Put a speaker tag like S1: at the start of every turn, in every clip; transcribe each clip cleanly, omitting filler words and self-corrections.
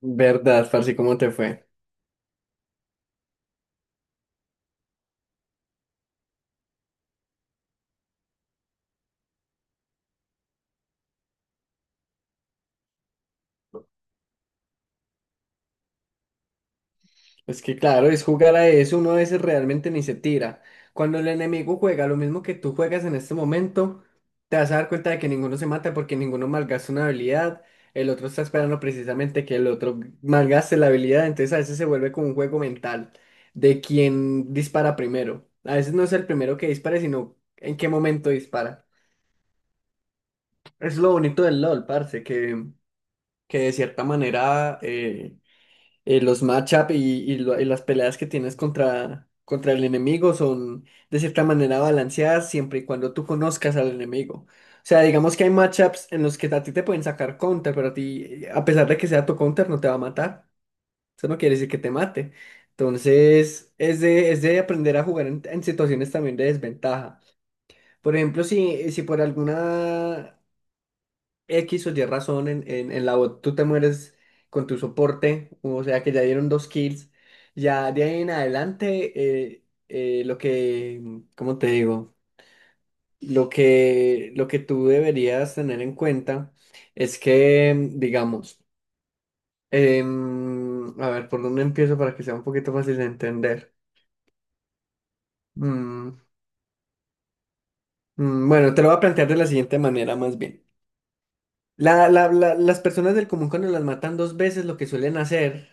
S1: Verdad, parce, ¿cómo te fue? Es que claro, es jugar a eso, uno a veces realmente ni se tira. Cuando el enemigo juega lo mismo que tú juegas en este momento, te vas a dar cuenta de que ninguno se mata porque ninguno malgasta una habilidad, el otro está esperando precisamente que el otro malgaste la habilidad, entonces a veces se vuelve como un juego mental de quién dispara primero. A veces no es el primero que dispare, sino en qué momento dispara. Es lo bonito del LOL, parce, que de cierta manera los matchup y y las peleas que tienes contra el enemigo son de cierta manera balanceadas siempre y cuando tú conozcas al enemigo. O sea, digamos que hay matchups en los que a ti te pueden sacar counter, pero a ti, a pesar de que sea tu counter, no te va a matar. Eso no quiere decir que te mate. Entonces, es de aprender a jugar en situaciones también de desventaja. Por ejemplo, si por alguna X o Y razón en la bot, tú te mueres con tu soporte, o sea que ya dieron dos kills. Ya de ahí en adelante, eh, eh, lo que, ¿cómo te digo? Lo que tú deberías tener en cuenta es que, digamos, a ver, ¿por dónde empiezo para que sea un poquito fácil de entender? Mm, bueno, te lo voy a plantear de la siguiente manera, más bien. Las personas del común cuando las matan dos veces lo que suelen hacer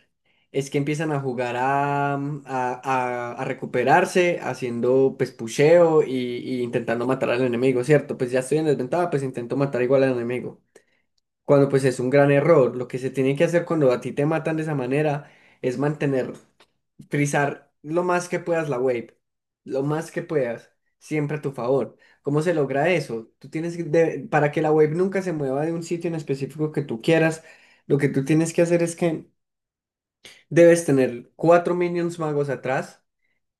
S1: es que empiezan a jugar a, mm, a recuperarse haciendo pues pusheo y intentando matar al enemigo, ¿cierto? Pues ya estoy en desventaja, pues intento matar igual al enemigo. Cuando pues es un gran error, lo que se tiene que hacer cuando a ti te matan de esa manera es mantener frizar lo más que puedas la wave, lo más que puedas, siempre a tu favor. ¿Cómo se logra eso? Tú tienes que, de- Para que la wave nunca se mueva de un sitio en específico que tú quieras, lo que tú tienes que hacer es que debes tener cuatro minions magos atrás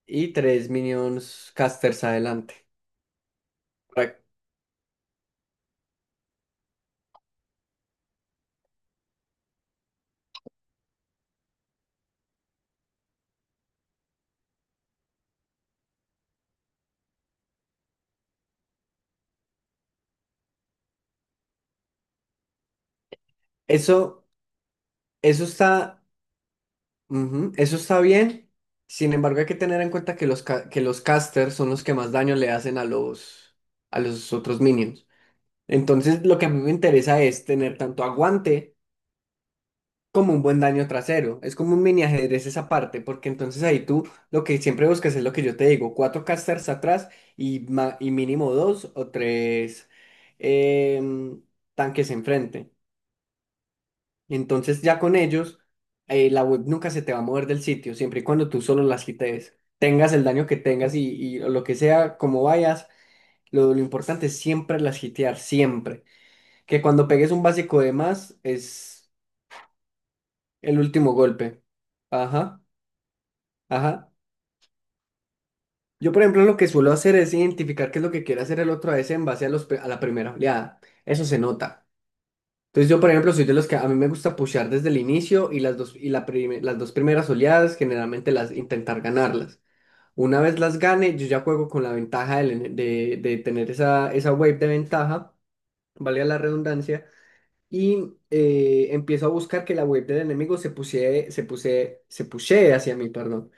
S1: y tres minions casters adelante. Para- Eso, eso está, ujú, eso está bien. Sin embargo, hay que tener en cuenta que que los casters son los que más daño le hacen a los otros minions. Entonces, lo que a mí me interesa es tener tanto aguante como un buen daño trasero. Es como un mini ajedrez esa parte, porque entonces ahí tú lo que siempre buscas es lo que yo te digo, cuatro casters atrás y mínimo dos o tres em, tanques enfrente. Entonces ya con ellos, la web nunca se te va a mover del sitio, siempre y cuando tú solo las quites, tengas el daño que tengas y lo que sea, como vayas, lo importante es siempre las hitear, siempre. Que cuando pegues un básico de más es el último golpe. Ajá, ajá. Yo, por ejemplo, lo que suelo hacer es identificar qué es lo que quiere hacer el otro a veces en base a la primera oleada. Eso se nota. Entonces, yo, por ejemplo, soy de los que a mí me gusta pushear desde el inicio y las dos primeras oleadas, generalmente las intentar ganarlas. Una vez las gane, yo ya juego con la ventaja de tener esa, esa wave de ventaja, valga la redundancia. Y empiezo a buscar que la web del enemigo se pusie, se puse, se pushee hacia mí, perdón.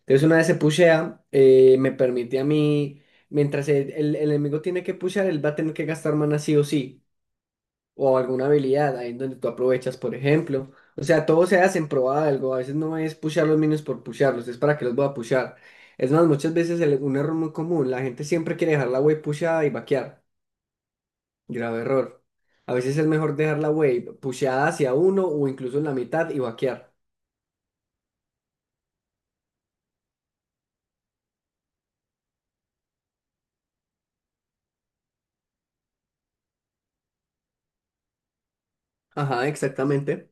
S1: Entonces una vez se pushea, me permite a mí, mientras el enemigo tiene que pushear, él va a tener que gastar mana sí o sí, o alguna habilidad, ahí en donde tú aprovechas, por ejemplo. O sea, todo se hace en pro de algo, a veces no es pushear los minions por pushearlos, es para que los voy a pushear. Es más, muchas veces un error muy común, la gente siempre quiere dejar la web pusheada y vaquear. Grave error. A veces es mejor dejar la wave pusheada hacia uno o incluso en la mitad y vaquear. Ajá, exactamente.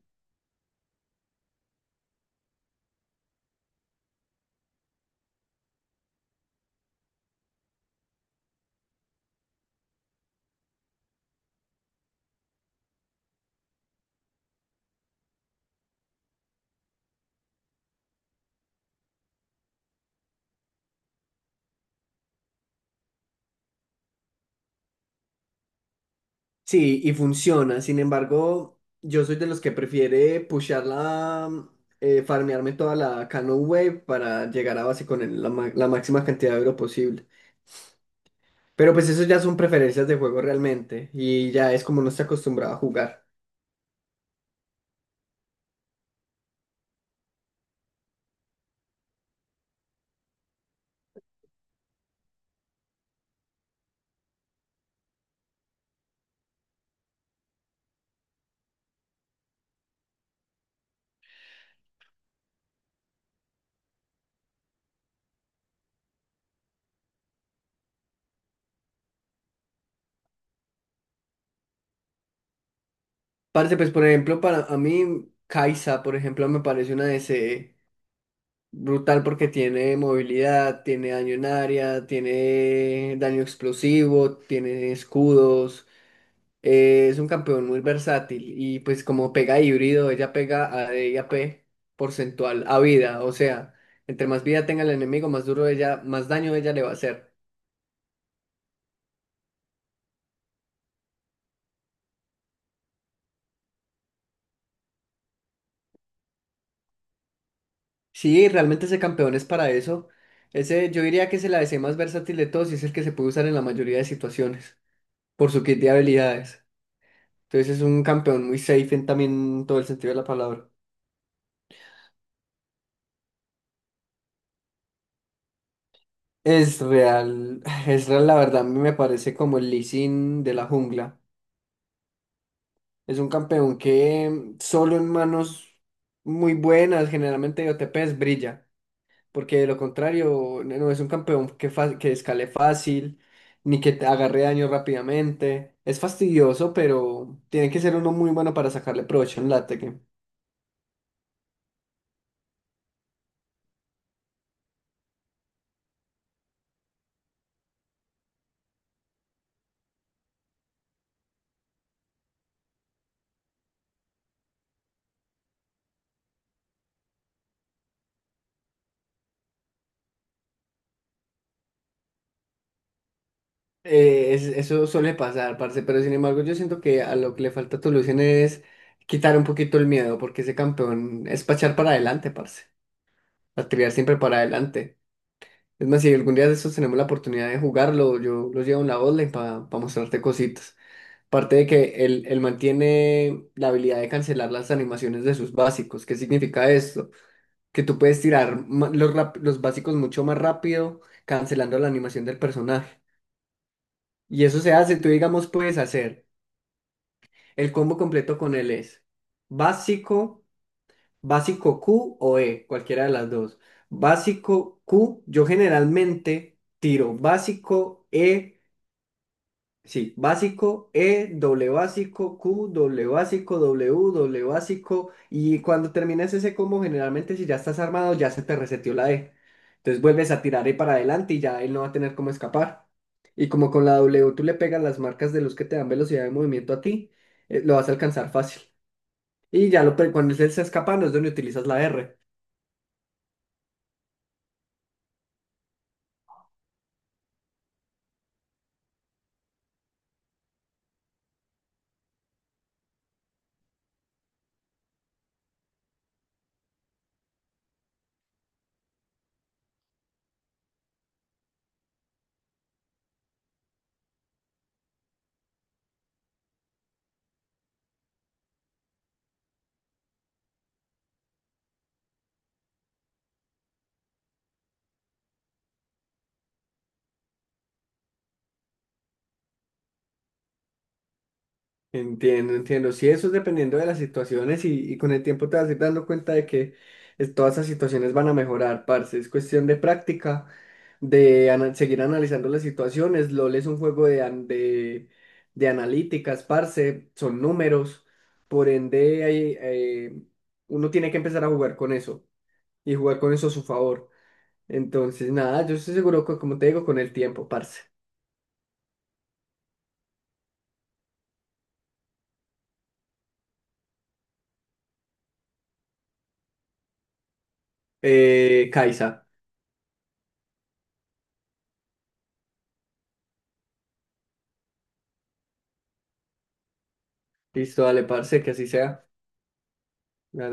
S1: Sí, y funciona. Sin embargo, yo soy de los que prefiere pushearla, farmearme toda la Cano Wave para llegar a base con la máxima cantidad de oro posible. Pero pues eso ya son preferencias de juego realmente y ya es como no está acostumbrado a jugar. Parce, pues por ejemplo, para a mí, Kaisa, por ejemplo, me parece una DC brutal porque tiene movilidad, tiene daño en área, tiene daño explosivo, tiene escudos. Es un campeón muy versátil y pues como pega híbrido, ella pega a D y AP porcentual a vida. O sea, entre más vida tenga el enemigo, más duro ella, más daño ella le va a hacer. Sí, realmente ese campeón es para eso. Ese, yo diría que es el a ADC más versátil de todos y es el que se puede usar en la mayoría de situaciones por su kit de habilidades. Entonces es un campeón muy safe en también todo el sentido de la palabra. Es real, es real, la verdad, a mí me parece como el Lee Sin de la jungla. Es un campeón que solo en manos muy buenas, generalmente de OTPs, brilla. Porque de lo contrario, no es un campeón que escale fácil, ni que te agarre daño rápidamente. Es fastidioso, pero tiene que ser uno muy bueno para sacarle provecho en late. Eso suele pasar, parce, pero sin embargo yo siento que a lo que le falta a Tolucen es quitar un poquito el miedo, porque ese campeón es pachar para adelante, parce, a tirar siempre para adelante. Es más, si algún día de estos tenemos la oportunidad de jugarlo, yo lo llevo en la online para mostrarte cositas. Aparte de que él mantiene la habilidad de cancelar las animaciones de sus básicos. ¿Qué significa esto? Que tú puedes tirar los básicos mucho más rápido, cancelando la animación del personaje. Y eso se hace, tú digamos, puedes hacer. El combo completo con él es básico, básico Q o E, cualquiera de las dos. Básico Q, yo generalmente tiro básico E, sí, básico E, doble básico Q, doble básico W, doble básico. Y cuando terminas ese combo, generalmente si ya estás armado, ya se te reseteó la E. Entonces vuelves a tirar E para adelante y ya él no va a tener cómo escapar. Y como con la W tú le pegas las marcas de luz que te dan velocidad de movimiento a ti, lo vas a alcanzar fácil. Y ya cuando él se escapa, no es donde utilizas la R. Entiendo, entiendo. Sí, eso es dependiendo de las situaciones y con el tiempo te vas a ir dando cuenta de que todas esas situaciones van a mejorar, parce. Es cuestión de práctica, seguir analizando las situaciones. LOL es un juego de analíticas, parce. Son números. Por ende, hay, uno tiene que empezar a jugar con eso y jugar con eso a su favor. Entonces, nada, yo estoy seguro que, como te digo, con el tiempo, parce. Kaisa. Listo, dale, parce, que así sea. Me